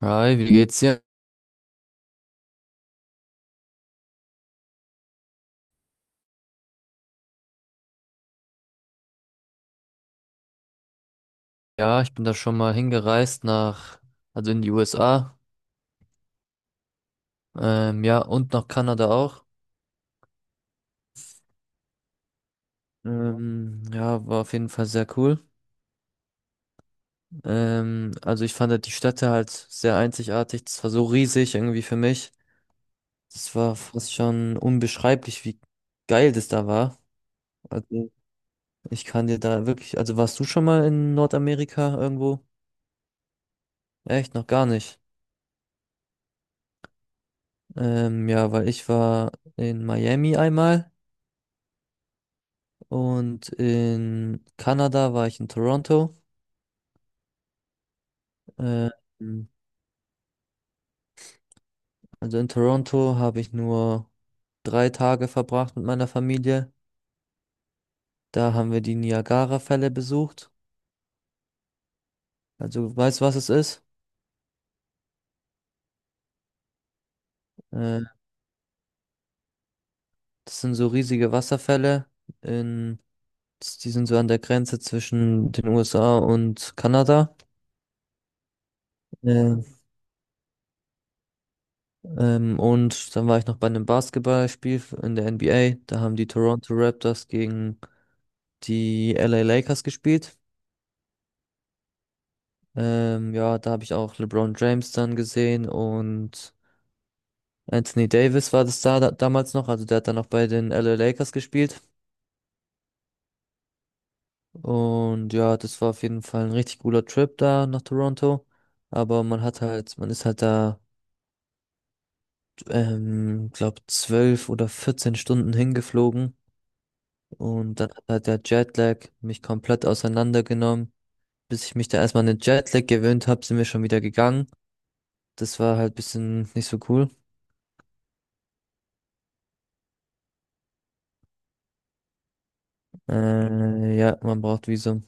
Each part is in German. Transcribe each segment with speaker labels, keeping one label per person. Speaker 1: Hi, wie geht's dir? Ja, ich bin da schon mal hingereist nach, also in die USA, ja, und nach Kanada auch. Ja, war auf jeden Fall sehr cool. Also ich fand halt die Städte halt sehr einzigartig. Das war so riesig irgendwie für mich. Das war fast schon unbeschreiblich, wie geil das da war. Also ich kann dir da wirklich, also warst du schon mal in Nordamerika irgendwo? Echt, noch gar nicht. Ja, weil ich war in Miami einmal. Und in Kanada war ich in Toronto. Ähm, also in Toronto habe ich nur 3 Tage verbracht mit meiner Familie. Da haben wir die Niagara-Fälle besucht. Also weißt du, was es ist? Äh, Das sind so riesige Wasserfälle. In, Die sind so an der Grenze zwischen den USA und Kanada. Äh, und dann war ich noch bei einem Basketballspiel in der NBA. Da haben die Toronto Raptors gegen die LA Lakers gespielt. Ja, da habe ich auch LeBron James dann gesehen und Anthony Davis war das da damals noch. Also der hat dann auch bei den LA Lakers gespielt. Und ja, das war auf jeden Fall ein richtig cooler Trip da nach Toronto. Aber man hat halt, man ist halt da, glaub, zwölf oder 14 Stunden hingeflogen. Und dann hat halt der Jetlag mich komplett auseinandergenommen. Bis ich mich da erstmal an den Jetlag gewöhnt habe, sind wir schon wieder gegangen. Das war halt bisschen nicht so cool. Ja, man braucht Visum.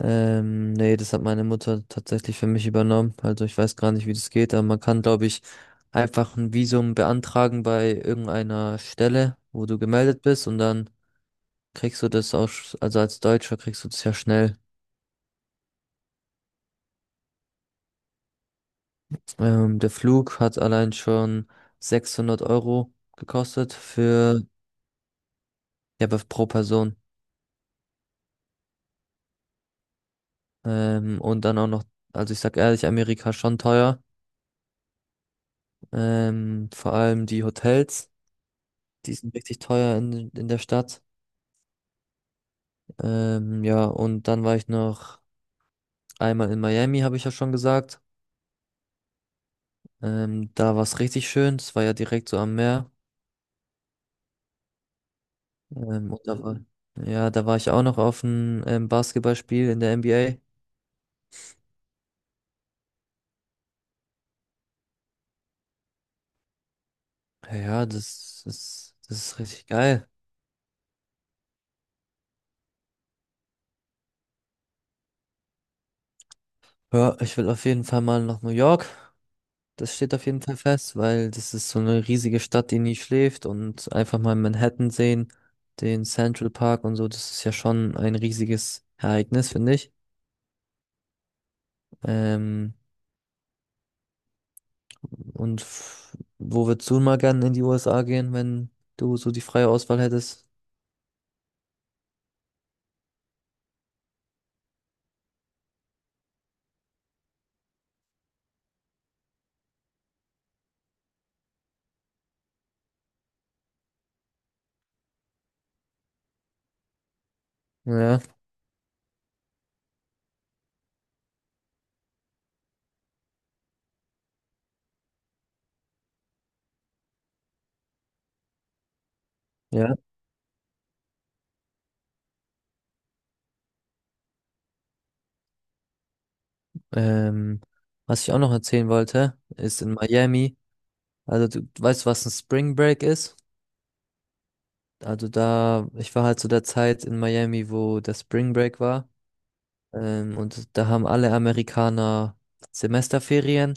Speaker 1: Nee, das hat meine Mutter tatsächlich für mich übernommen. Also ich weiß gar nicht, wie das geht, aber man kann, glaube ich, einfach ein Visum beantragen bei irgendeiner Stelle, wo du gemeldet bist und dann kriegst du das auch, also als Deutscher kriegst du das ja schnell. Der Flug hat allein schon 600 € gekostet für, ja, aber pro Person. Und dann auch noch, also ich sag ehrlich, Amerika schon teuer. Vor allem die Hotels, die sind richtig teuer in der Stadt. Ja, und dann war ich noch einmal in Miami, habe ich ja schon gesagt. Da war es richtig schön. Es war ja direkt so am Meer. Ähm, und da war, Mhm. Ja, da war ich auch noch auf einem Basketballspiel in der NBA. Ja, das ist richtig geil. Ja, ich will auf jeden Fall mal nach New York. Das steht auf jeden Fall fest, weil das ist so eine riesige Stadt, die nie schläft und einfach mal Manhattan sehen, den Central Park und so, das ist ja schon ein riesiges Ereignis, finde ich. Ähm, Und wo würdest du mal gern in die USA gehen, wenn du so die freie Auswahl hättest? Ja, ja. Ähm, Was ich auch noch erzählen wollte, ist in Miami. Also du weißt, was ein Spring Break ist? Also da, ich war halt zu der Zeit in Miami, wo der Spring Break war. Und da haben alle Amerikaner Semesterferien.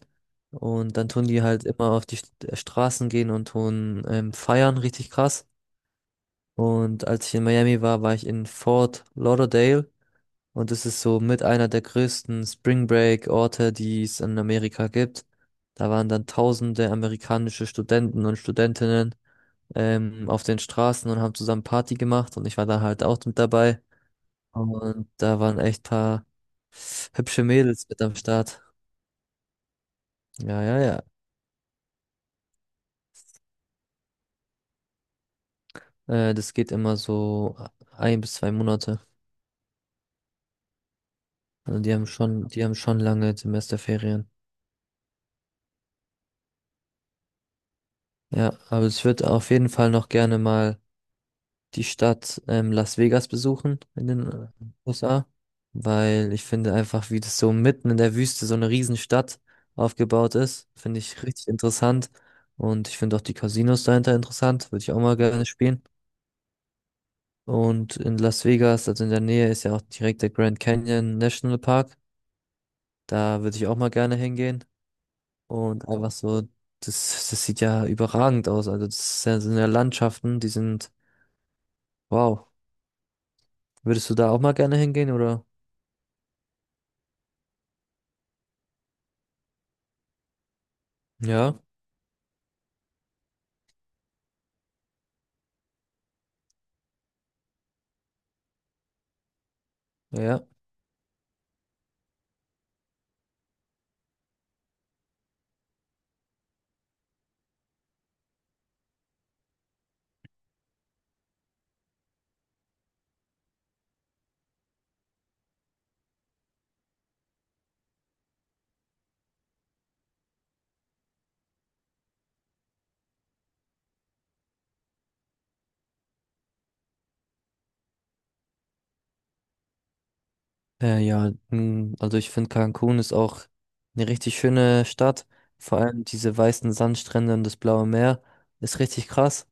Speaker 1: Und dann tun die halt immer auf die Straßen gehen und tun feiern, richtig krass. Und als ich in Miami war, war ich in Fort Lauderdale. Und es ist so mit einer der größten Spring Break Orte, die es in Amerika gibt. Da waren dann tausende amerikanische Studenten und Studentinnen auf den Straßen und haben zusammen Party gemacht. Und ich war da halt auch mit dabei. Und da waren echt paar hübsche Mädels mit am Start. Ja, ja, ja. Das geht immer so 1 bis 2 Monate. Also die haben schon lange Semesterferien. Ja, aber ich würde auf jeden Fall noch gerne mal die Stadt Las Vegas besuchen in den USA, weil ich finde einfach, wie das so mitten in der Wüste so eine Riesenstadt aufgebaut ist, finde ich richtig interessant. Und ich finde auch die Casinos dahinter interessant, würde ich auch mal gerne spielen. Und in Las Vegas, also in der Nähe, ist ja auch direkt der Grand Canyon National Park. Da würde ich auch mal gerne hingehen. Und einfach so, das sieht ja überragend aus. Also das sind ja Landschaften, die sind wow. Würdest du da auch mal gerne hingehen, oder? Ja, ja, ja. Ja, also ich finde Cancun ist auch eine richtig schöne Stadt. Vor allem diese weißen Sandstrände und das blaue Meer ist richtig krass.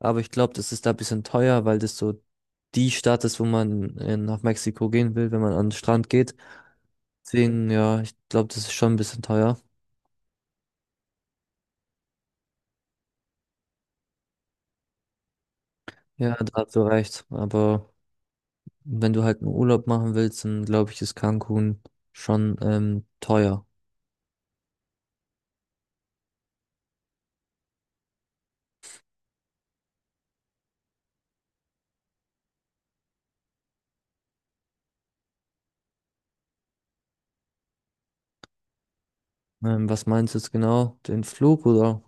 Speaker 1: Aber ich glaube, das ist da ein bisschen teuer, weil das so die Stadt ist, wo man nach Mexiko gehen will, wenn man an den Strand geht. Deswegen, ja, ich glaube, das ist schon ein bisschen teuer. Ja, da hast du recht. Aber wenn du halt einen Urlaub machen willst, dann glaube ich, ist Cancun schon teuer. Was meinst du jetzt genau? Den Flug oder?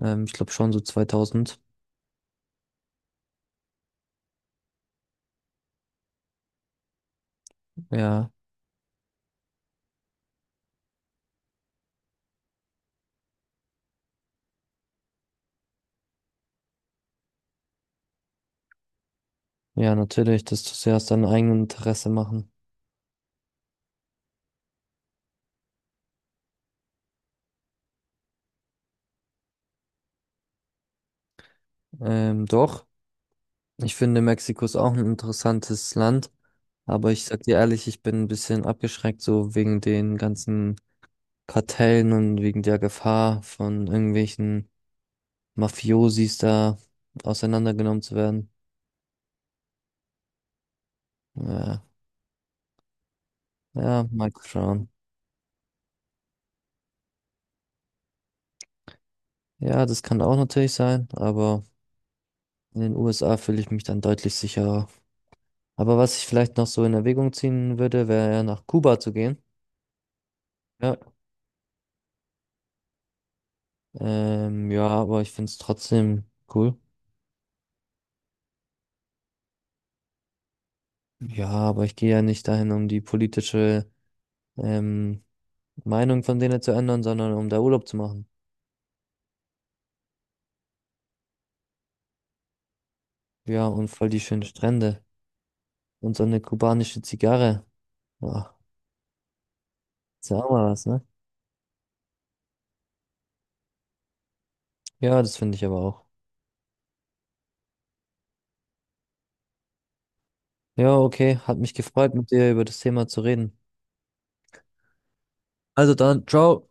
Speaker 1: Ich glaube schon so 2000. Ja, ja, natürlich. Das tust du ja aus deinem eigenen Interesse machen. Doch, ich finde Mexiko ist auch ein interessantes Land. Aber ich sag dir ehrlich, ich bin ein bisschen abgeschreckt, so wegen den ganzen Kartellen und wegen der Gefahr von irgendwelchen Mafiosis da auseinandergenommen zu werden. Ja, ja, mal schauen. Ja, das kann auch natürlich sein, aber in den USA fühle ich mich dann deutlich sicherer. Aber was ich vielleicht noch so in Erwägung ziehen würde, wäre ja nach Kuba zu gehen. Ja. Ja, aber ich finde es trotzdem cool. Ja, aber ich gehe ja nicht dahin, um die politische ähm, Meinung von denen zu ändern, sondern um da Urlaub zu machen. Ja, und voll die schönen Strände. Und so eine kubanische Zigarre. Ach, ist ja auch mal was, ne? Ja, das finde ich aber auch. Ja, okay. Hat mich gefreut, mit dir über das Thema zu reden. Also dann, ciao.